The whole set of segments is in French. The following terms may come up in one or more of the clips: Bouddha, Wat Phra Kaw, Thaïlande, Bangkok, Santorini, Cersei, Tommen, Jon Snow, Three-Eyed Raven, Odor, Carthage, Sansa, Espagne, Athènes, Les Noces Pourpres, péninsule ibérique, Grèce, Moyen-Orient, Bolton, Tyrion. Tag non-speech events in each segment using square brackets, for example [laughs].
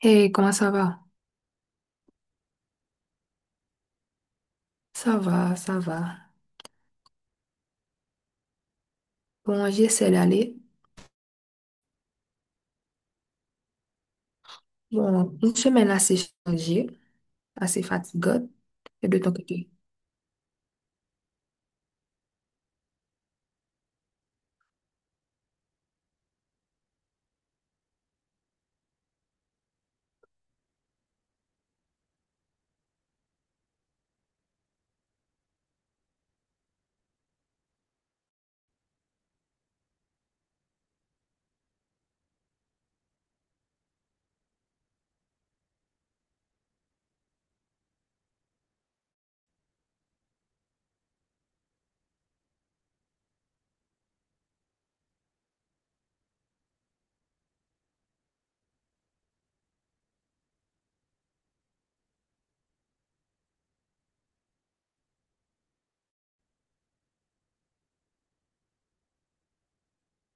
Hey, comment ça va? Ça va, ça va. Bon, j'essaie d'aller. Bon, une semaine assez chargée, assez fatigante. Et de ton côté?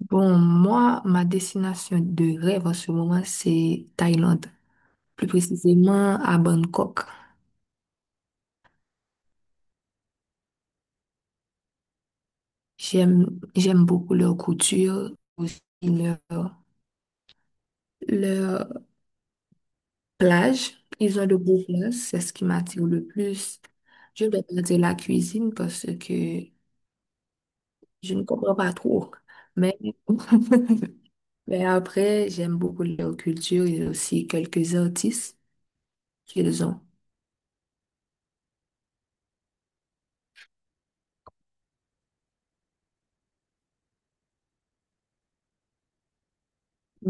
Bon, moi, ma destination de rêve en ce moment, c'est Thaïlande. Plus précisément, à Bangkok. J'aime beaucoup leur couture, aussi leur plage. Ils ont de beaux plages, c'est ce qui m'attire le plus. Je vais pas dire la cuisine parce que je ne comprends pas trop. Mais, [laughs] mais après, j'aime beaucoup leur culture et aussi quelques artistes qu'ils ont.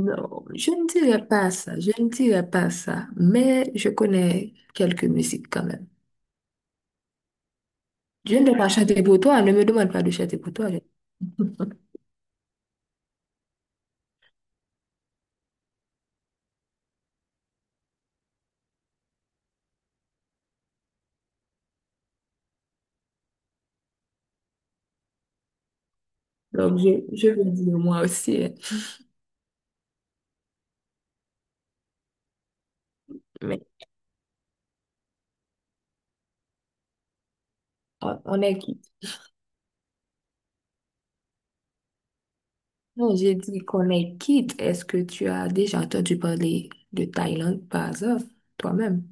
Non, je ne dirais pas ça, je ne dirais pas ça, mais je connais quelques musiques quand même. Je ne vais pas chanter pour toi, ne me demande pas de chanter pour toi. Donc, je veux dire moi aussi, hein. Mais on est quitte. Non, j'ai dit qu'on est quitte. Est-ce que tu as déjà entendu parler de Thaïlande par hasard, toi-même?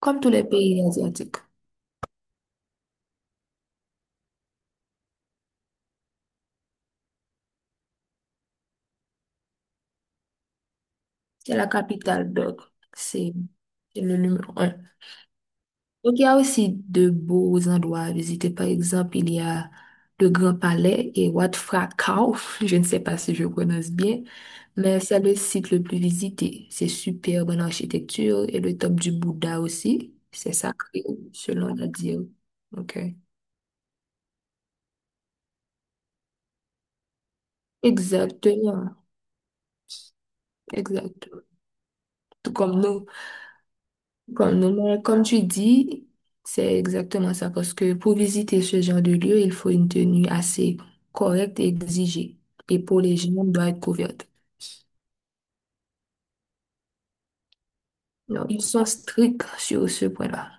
Comme tous les pays asiatiques. C'est la capitale, donc c'est c'est le numéro un. Donc, il y a aussi de beaux endroits à visiter. Par exemple, il y a le Grand Palais et Wat Phra Kaw. [laughs] Je ne sais pas si je prononce bien, mais c'est le site le plus visité. C'est superbe en architecture et le temple du Bouddha aussi. C'est sacré, selon la dire. OK. Exactement. Exact. Tout comme nous. Comme, non, mais comme tu dis, c'est exactement ça, parce que pour visiter ce genre de lieu, il faut une tenue assez correcte et exigée. Et pour les jambes doit être couverte. Donc, ils sont stricts sur ce point-là.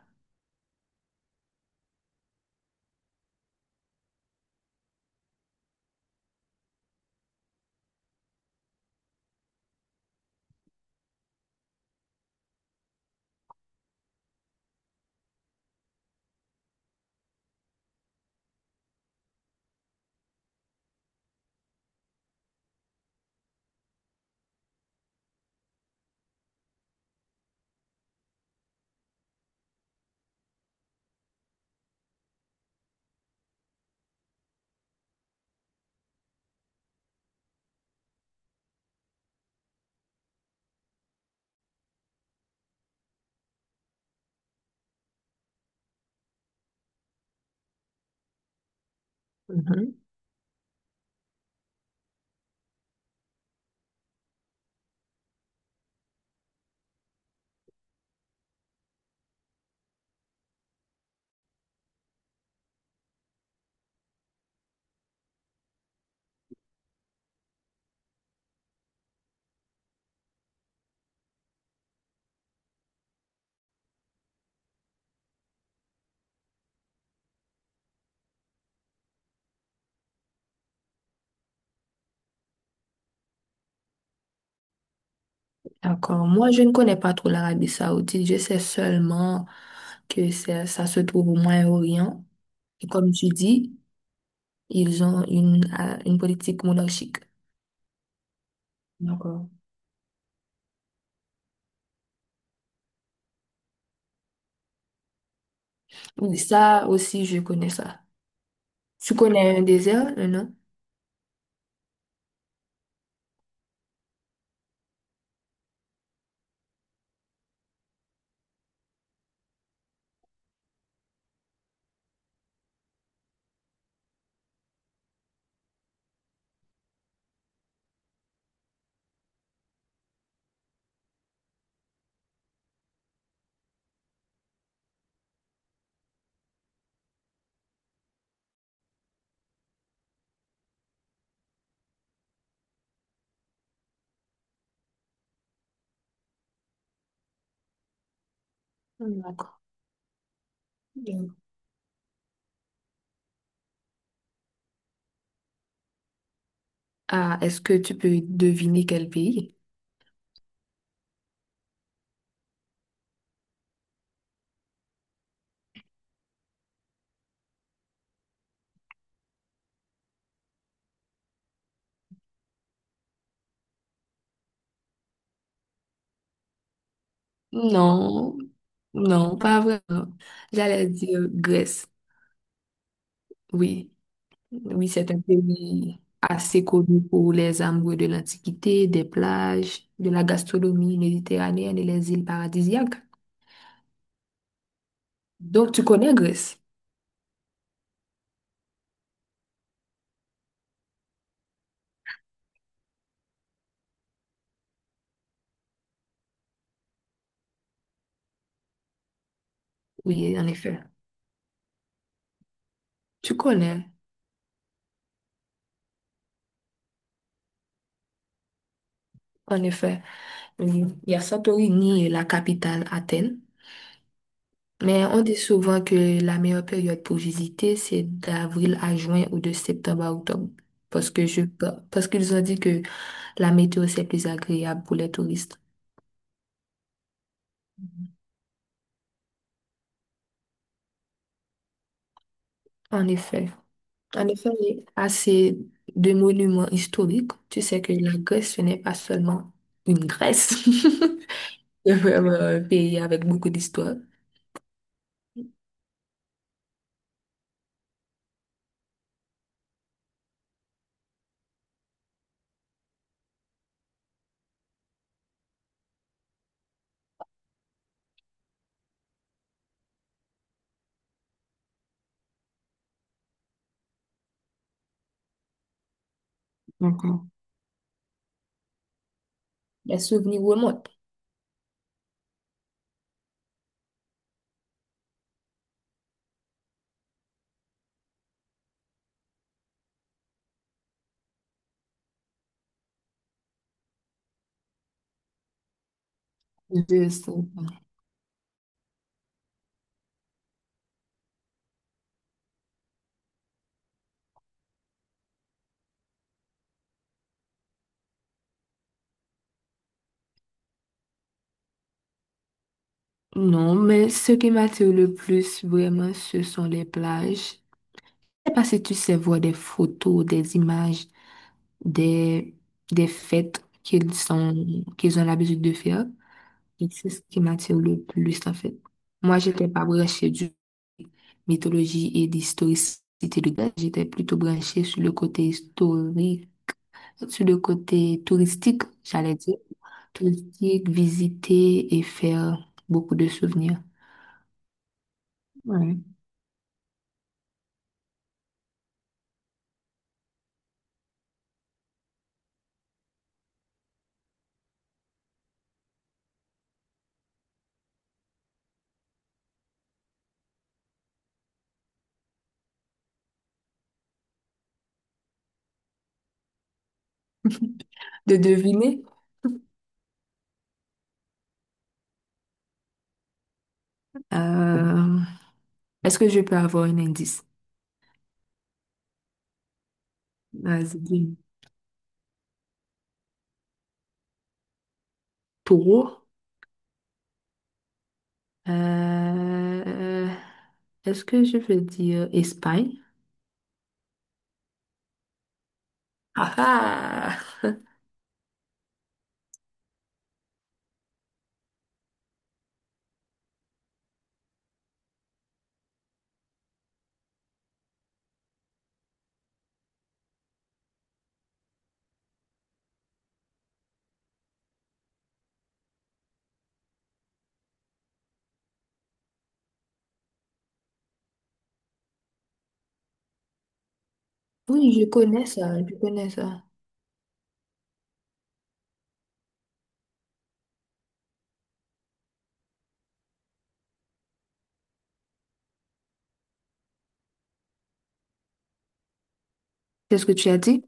D'accord. Moi, je ne connais pas trop l'Arabie Saoudite. Je sais seulement que c'est- ça se trouve au Moyen-Orient. Et comme tu dis, ils ont une politique monarchique. D'accord. Oui, ça aussi, je connais ça. Tu connais un désert, non? D'accord. Ah, est-ce que tu peux deviner quel pays? Non, non, pas vraiment. J'allais dire Grèce. Oui, oui, c'est un pays assez connu pour les amoureux de l'Antiquité, des plages, de la gastronomie méditerranéenne et les îles paradisiaques. Donc, tu connais Grèce? Oui, en effet. Tu connais, en effet. Oui, il y a Santorini et la capitale Athènes. Mais on dit souvent que la meilleure période pour visiter, c'est d'avril à juin ou de septembre à octobre. Parce que je, parce qu'ils ont dit que la météo, c'est plus agréable pour les touristes. En effet. En effet, il y a assez de monuments historiques. Tu sais que la Grèce, ce n'est pas seulement une Grèce. [laughs] C'est vraiment un pays avec beaucoup d'histoire. D'accord. Les souvenirs remontent. de ce- Non, mais ce qui m'attire le plus, vraiment, ce sont les plages. Je sais pas si tu sais voir des photos, des images, des, des fêtes qu'ils ont l'habitude de faire. Et c'est ce qui m'attire le plus, en fait. Moi, j'étais pas branchée du mythologie et d'historicité de Grèce. J'étais plutôt branchée sur le côté historique, sur le côté touristique, j'allais dire. Touristique, visiter et faire beaucoup de souvenirs. Ouais. De deviner. Euh, est-ce que je peux avoir un indice? Vas-y, dis-moi. pour, euh, est-ce que je veux dire Espagne? Ah ah! Oui, je connais ça, je connais ça. Qu'est-ce que tu as dit?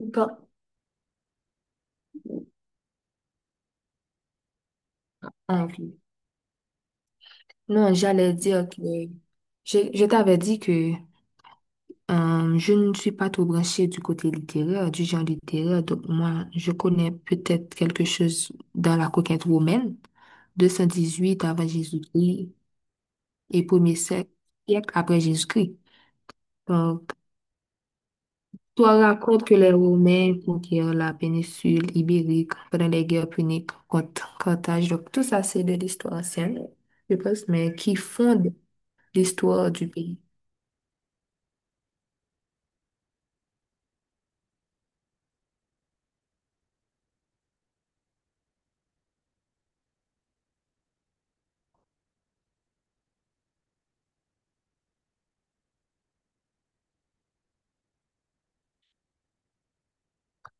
Bon, ah, ok. Non, j'allais dire que je t'avais dit que je ne suis pas trop branchée du côté littéraire, du genre littéraire. Donc, moi, je connais peut-être quelque chose dans la conquête romaine, 218 avant Jésus-Christ et premier siècle siècle après Jésus-Christ. Donc toi raconte que les Romains conquirent la péninsule ibérique pendant les guerres puniques contre Carthage. Donc, tout ça, c'est de l'histoire ancienne, je pense, mais qui fonde l'histoire du pays.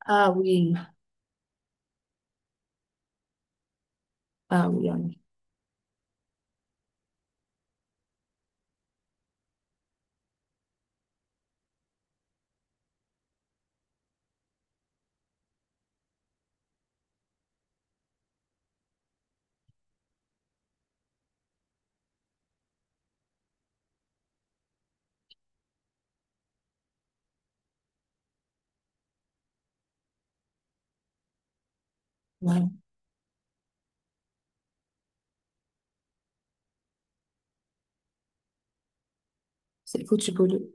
Ah oui, ah oui, ah oui. Ouais, c'est foutu pour le-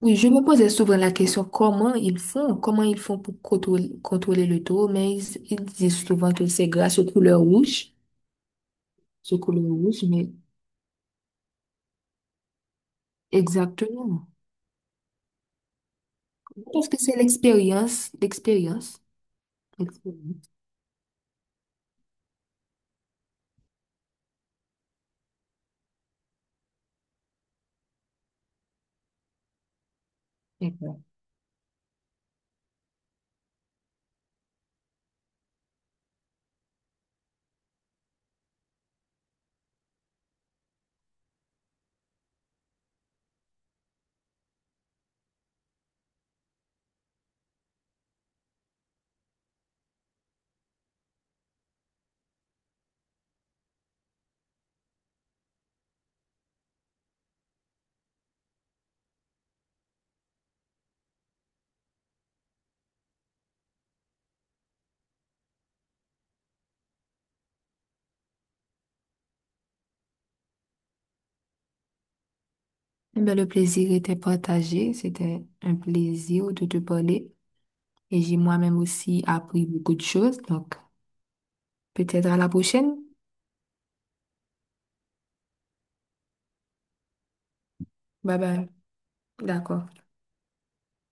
Oui, je me posais souvent la question comment ils font pour contrôler, contrôler le taureau, mais ils disent souvent que c'est grâce aux couleurs rouges, mais exactement. Je pense que c'est l'expérience. Eh bien, le plaisir était partagé. C'était un plaisir de te parler. Et j'ai moi-même aussi appris beaucoup de choses. Donc, peut-être à la prochaine. Bye bye. D'accord.